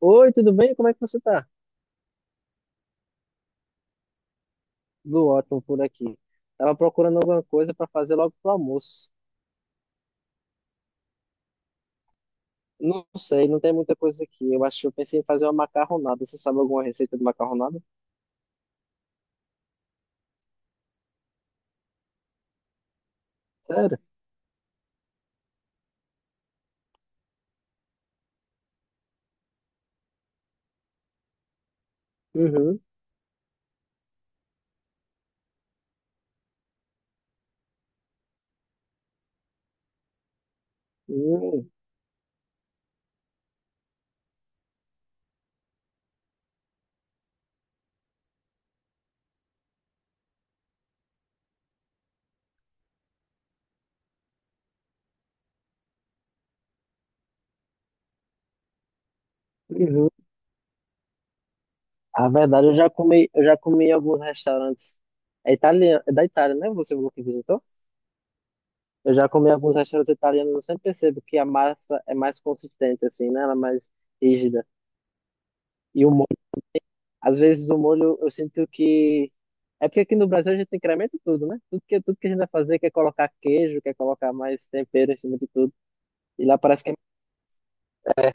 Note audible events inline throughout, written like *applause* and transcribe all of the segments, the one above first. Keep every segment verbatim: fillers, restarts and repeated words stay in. Oi, tudo bem? Como é que você tá? Tudo ótimo por aqui. Tava procurando alguma coisa para fazer logo pro almoço. Não sei, não tem muita coisa aqui. Eu acho que eu pensei em fazer uma macarronada. Você sabe alguma receita de macarronada? Sério? Uhum. Uhum. Uhum. A verdade, eu já comi, eu já comi em alguns restaurantes. É italiano, é da Itália, né? Você falou que visitou? Eu já comi em alguns restaurantes italianos. Eu sempre percebo que a massa é mais consistente, assim, né? Ela é mais rígida. E o Às vezes o molho eu sinto que. É porque aqui no Brasil a gente incrementa tudo, né? Tudo que, tudo que a gente vai fazer quer colocar queijo, quer colocar mais tempero em cima de tudo. E lá parece que é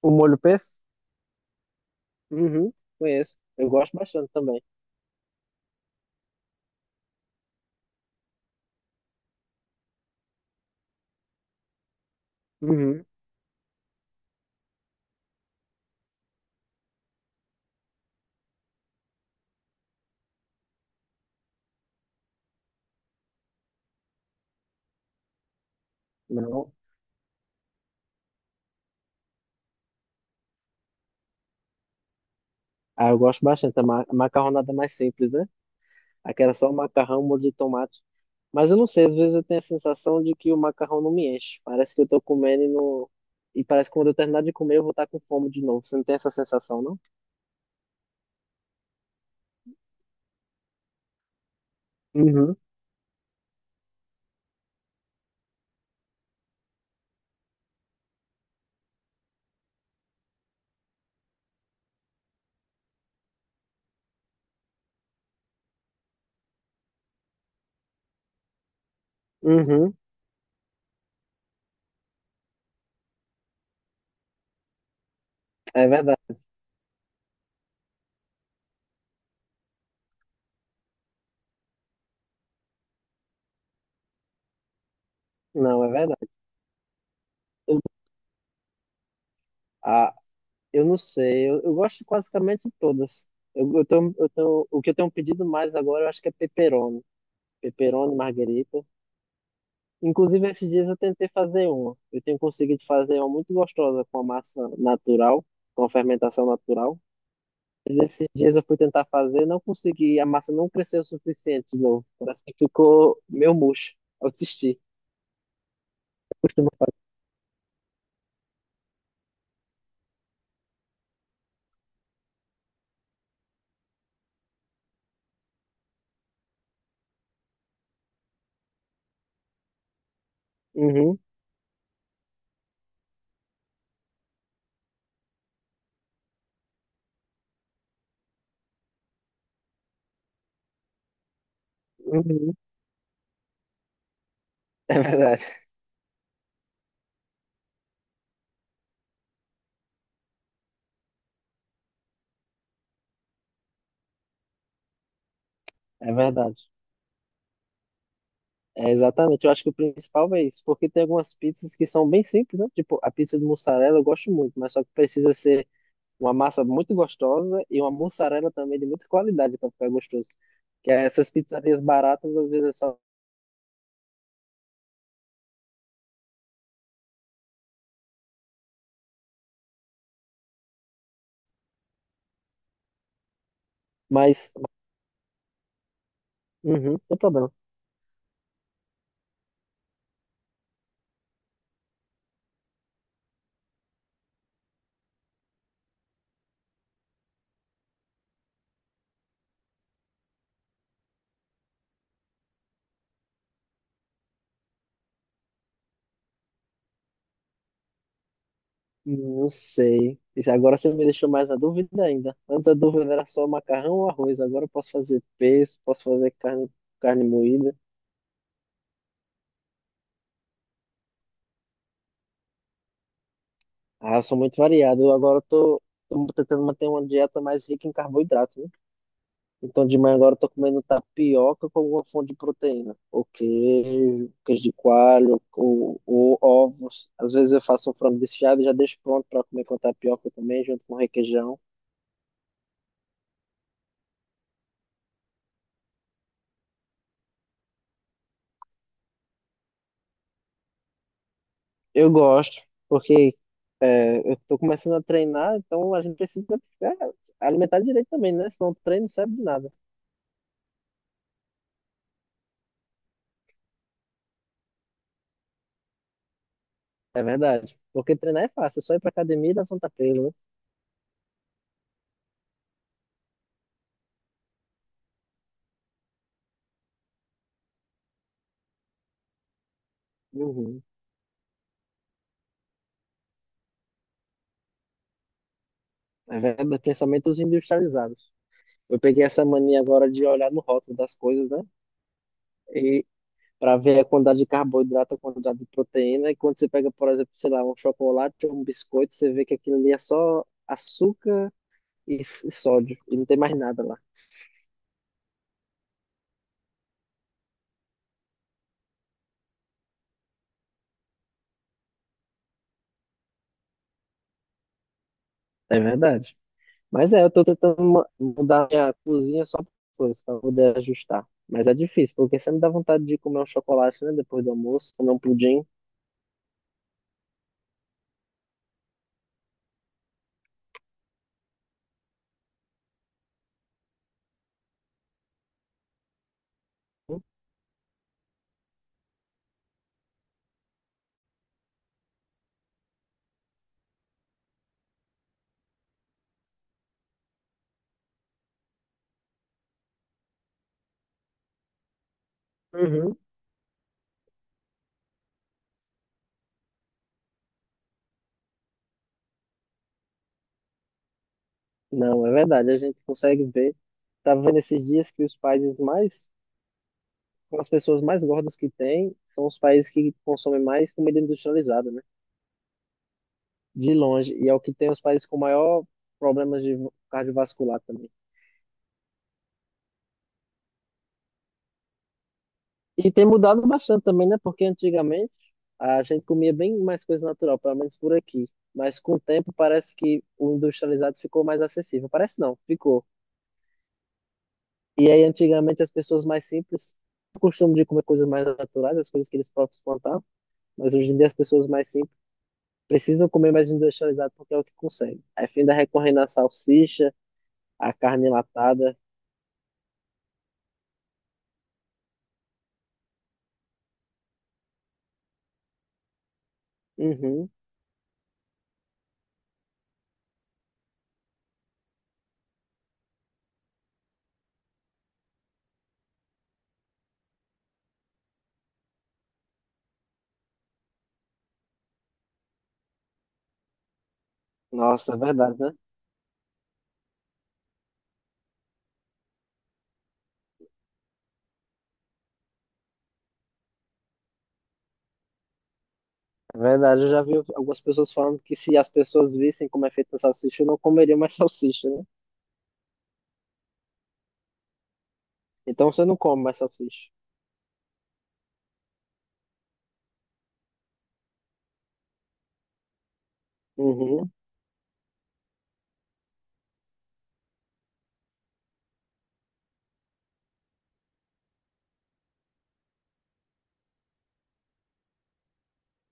o molho pesto. Uhum, conheço. Eu gosto bastante também. Uhum. Não. Ah, eu gosto bastante. A ma- a macarronada mais simples, né? Aquela só o macarrão, molho de tomate. Mas eu não sei, às vezes eu tenho a sensação de que o macarrão não me enche. Parece que eu tô comendo e não. E parece que quando eu terminar de comer, eu vou estar com fome de novo. Você não tem essa sensação, não? Uhum. Uhum. É verdade. Não, é verdade. Eu, ah, eu não sei. Eu, eu gosto de basicamente todas. Eu, eu tenho, eu tenho, o que eu tenho pedido mais agora, eu acho que é pepperoni. Pepperoni, marguerita. Inclusive, esses dias eu tentei fazer uma. Eu tenho conseguido fazer uma muito gostosa com a massa natural, com a fermentação natural. Mas esses dias eu fui tentar fazer, não consegui. A massa não cresceu o suficiente de novo. Parece que ficou meio murcha. Eu desisti. Eu costumo fazer. Uhum, uhum. É verdade. É verdade. É, exatamente, eu acho que o principal é isso, porque tem algumas pizzas que são bem simples, né? Tipo, a pizza de mussarela eu gosto muito, mas só que precisa ser uma massa muito gostosa e uma mussarela também de muita qualidade para ficar gostoso. Que é essas pizzarias baratas às vezes é só. Mas, uhum, sem problema. Não sei. Isso agora você me deixou mais na dúvida ainda. Antes a dúvida era só macarrão ou arroz, agora eu posso fazer pesto, posso fazer carne, carne moída. Ah, eu sou muito variado. Eu Agora eu tô, tô tentando manter uma dieta mais rica em carboidrato, né? Então, de manhã agora eu tô comendo tapioca com alguma fonte de proteína. Ou queijo, queijo de coalho, ou, ou ovos. Às vezes eu faço um frango desfiado e já deixo pronto para comer com tapioca também, junto com requeijão. Eu gosto, porque eu tô começando a treinar, então a gente precisa é, alimentar direito também, né? Senão o treino não serve de nada. É verdade. Porque treinar é fácil, é só ir pra academia e levantar peso, né? Uhum. É verdade, principalmente os industrializados. Eu peguei essa mania agora de olhar no rótulo das coisas, né? E, Para ver a quantidade de carboidrato, a quantidade de proteína. E quando você pega, por exemplo, sei lá, um chocolate ou um biscoito, você vê que aquilo ali é só açúcar e s- e sódio, e não tem mais nada lá. É verdade. Mas é, eu tô tentando ma- mudar minha cozinha só por coisas, para poder ajustar. Mas é difícil, porque sempre dá vontade de comer um chocolate, né, depois do almoço, comer um pudim. Uhum. Não, é verdade, a gente consegue ver. Tava vendo esses dias que os países mais as pessoas mais gordas que tem são os países que consomem mais comida industrializada, né? De longe. E é o que tem os países com maior problemas de cardiovascular também. E tem mudado bastante também, né? Porque antigamente a gente comia bem mais coisa natural, pelo menos por aqui. Mas com o tempo parece que o industrializado ficou mais acessível. Parece não, ficou. E aí antigamente as pessoas mais simples tinham o costume de comer coisas mais naturais, as coisas que eles próprios plantavam. Mas hoje em dia as pessoas mais simples precisam comer mais industrializado porque é o que consegue. Aí fim da recorrendo à salsicha, à carne enlatada. Uhum. Nossa, é verdade, né? É verdade, eu já vi algumas pessoas falando que se as pessoas vissem como é feita a salsicha, não comeriam mais *laughs* salsicha, né? Então você não come mais salsicha. Uhum.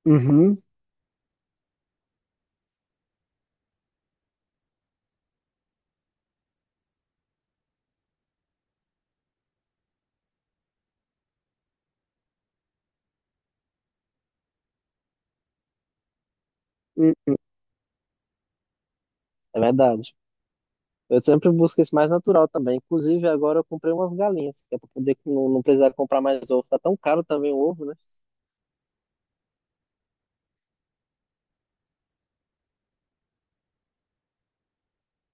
Uhum. Hum, é verdade. Eu sempre busco esse mais natural também. Inclusive, agora eu comprei umas galinhas, que é pra poder não, não precisar comprar mais ovo. Tá tão caro também o ovo, né?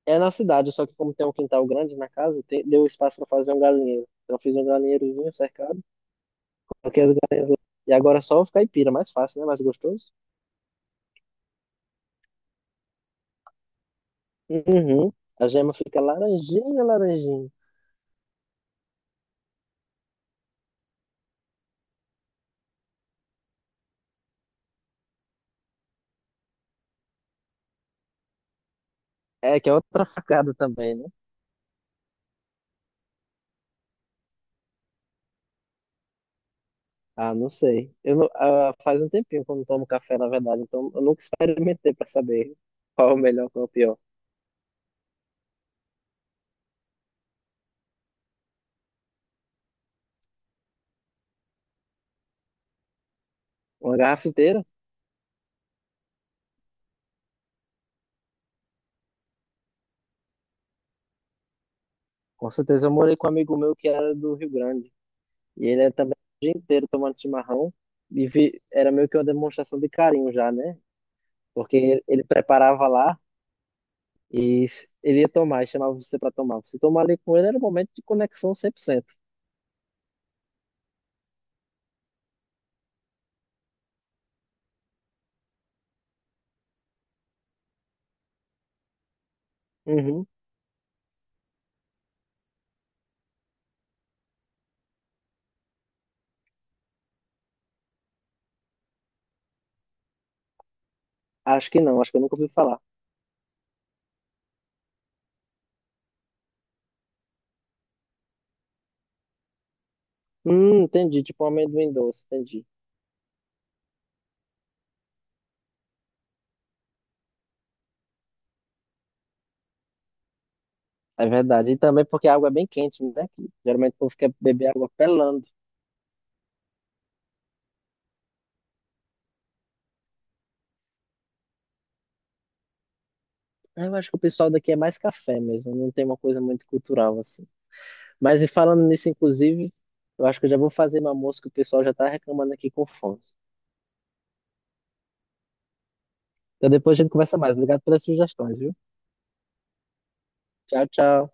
É na cidade, só que como tem um quintal grande na casa, tem- deu espaço para fazer um galinheiro. Então eu fiz um galinheirozinho cercado, coloquei as galinhas lá. E agora é só caipira, mais fácil, né? Mais gostoso. Uhum. A gema fica laranjinha, laranjinha. É, que é outra facada também, né? Ah, não sei. Eu não- Ah, faz um tempinho que eu não tomo café, na verdade, então eu nunca experimentei para saber qual é o melhor, qual é o pior. Uma garrafa inteira? Com certeza eu morei com um amigo meu que era do Rio Grande. E ele era também o dia inteiro tomando chimarrão. E vi- era meio que uma demonstração de carinho já, né? Porque ele, ele preparava lá e s- ele ia tomar, e chamava você para tomar. Você tomar ali com ele era um momento de conexão cem por cento. Uhum. Acho que não, acho que eu nunca ouvi falar. Hum, entendi, tipo um amendoim doce, entendi. É verdade. E também porque a água é bem quente, né? Que geralmente o povo quer beber água pelando. Eu acho que o pessoal daqui é mais café mesmo, não tem uma coisa muito cultural assim. Mas e falando nisso, inclusive, eu acho que eu já vou fazer uma almoço que o pessoal já tá reclamando aqui com fome. Então depois a gente conversa mais. Obrigado pelas sugestões, viu? Tchau, tchau.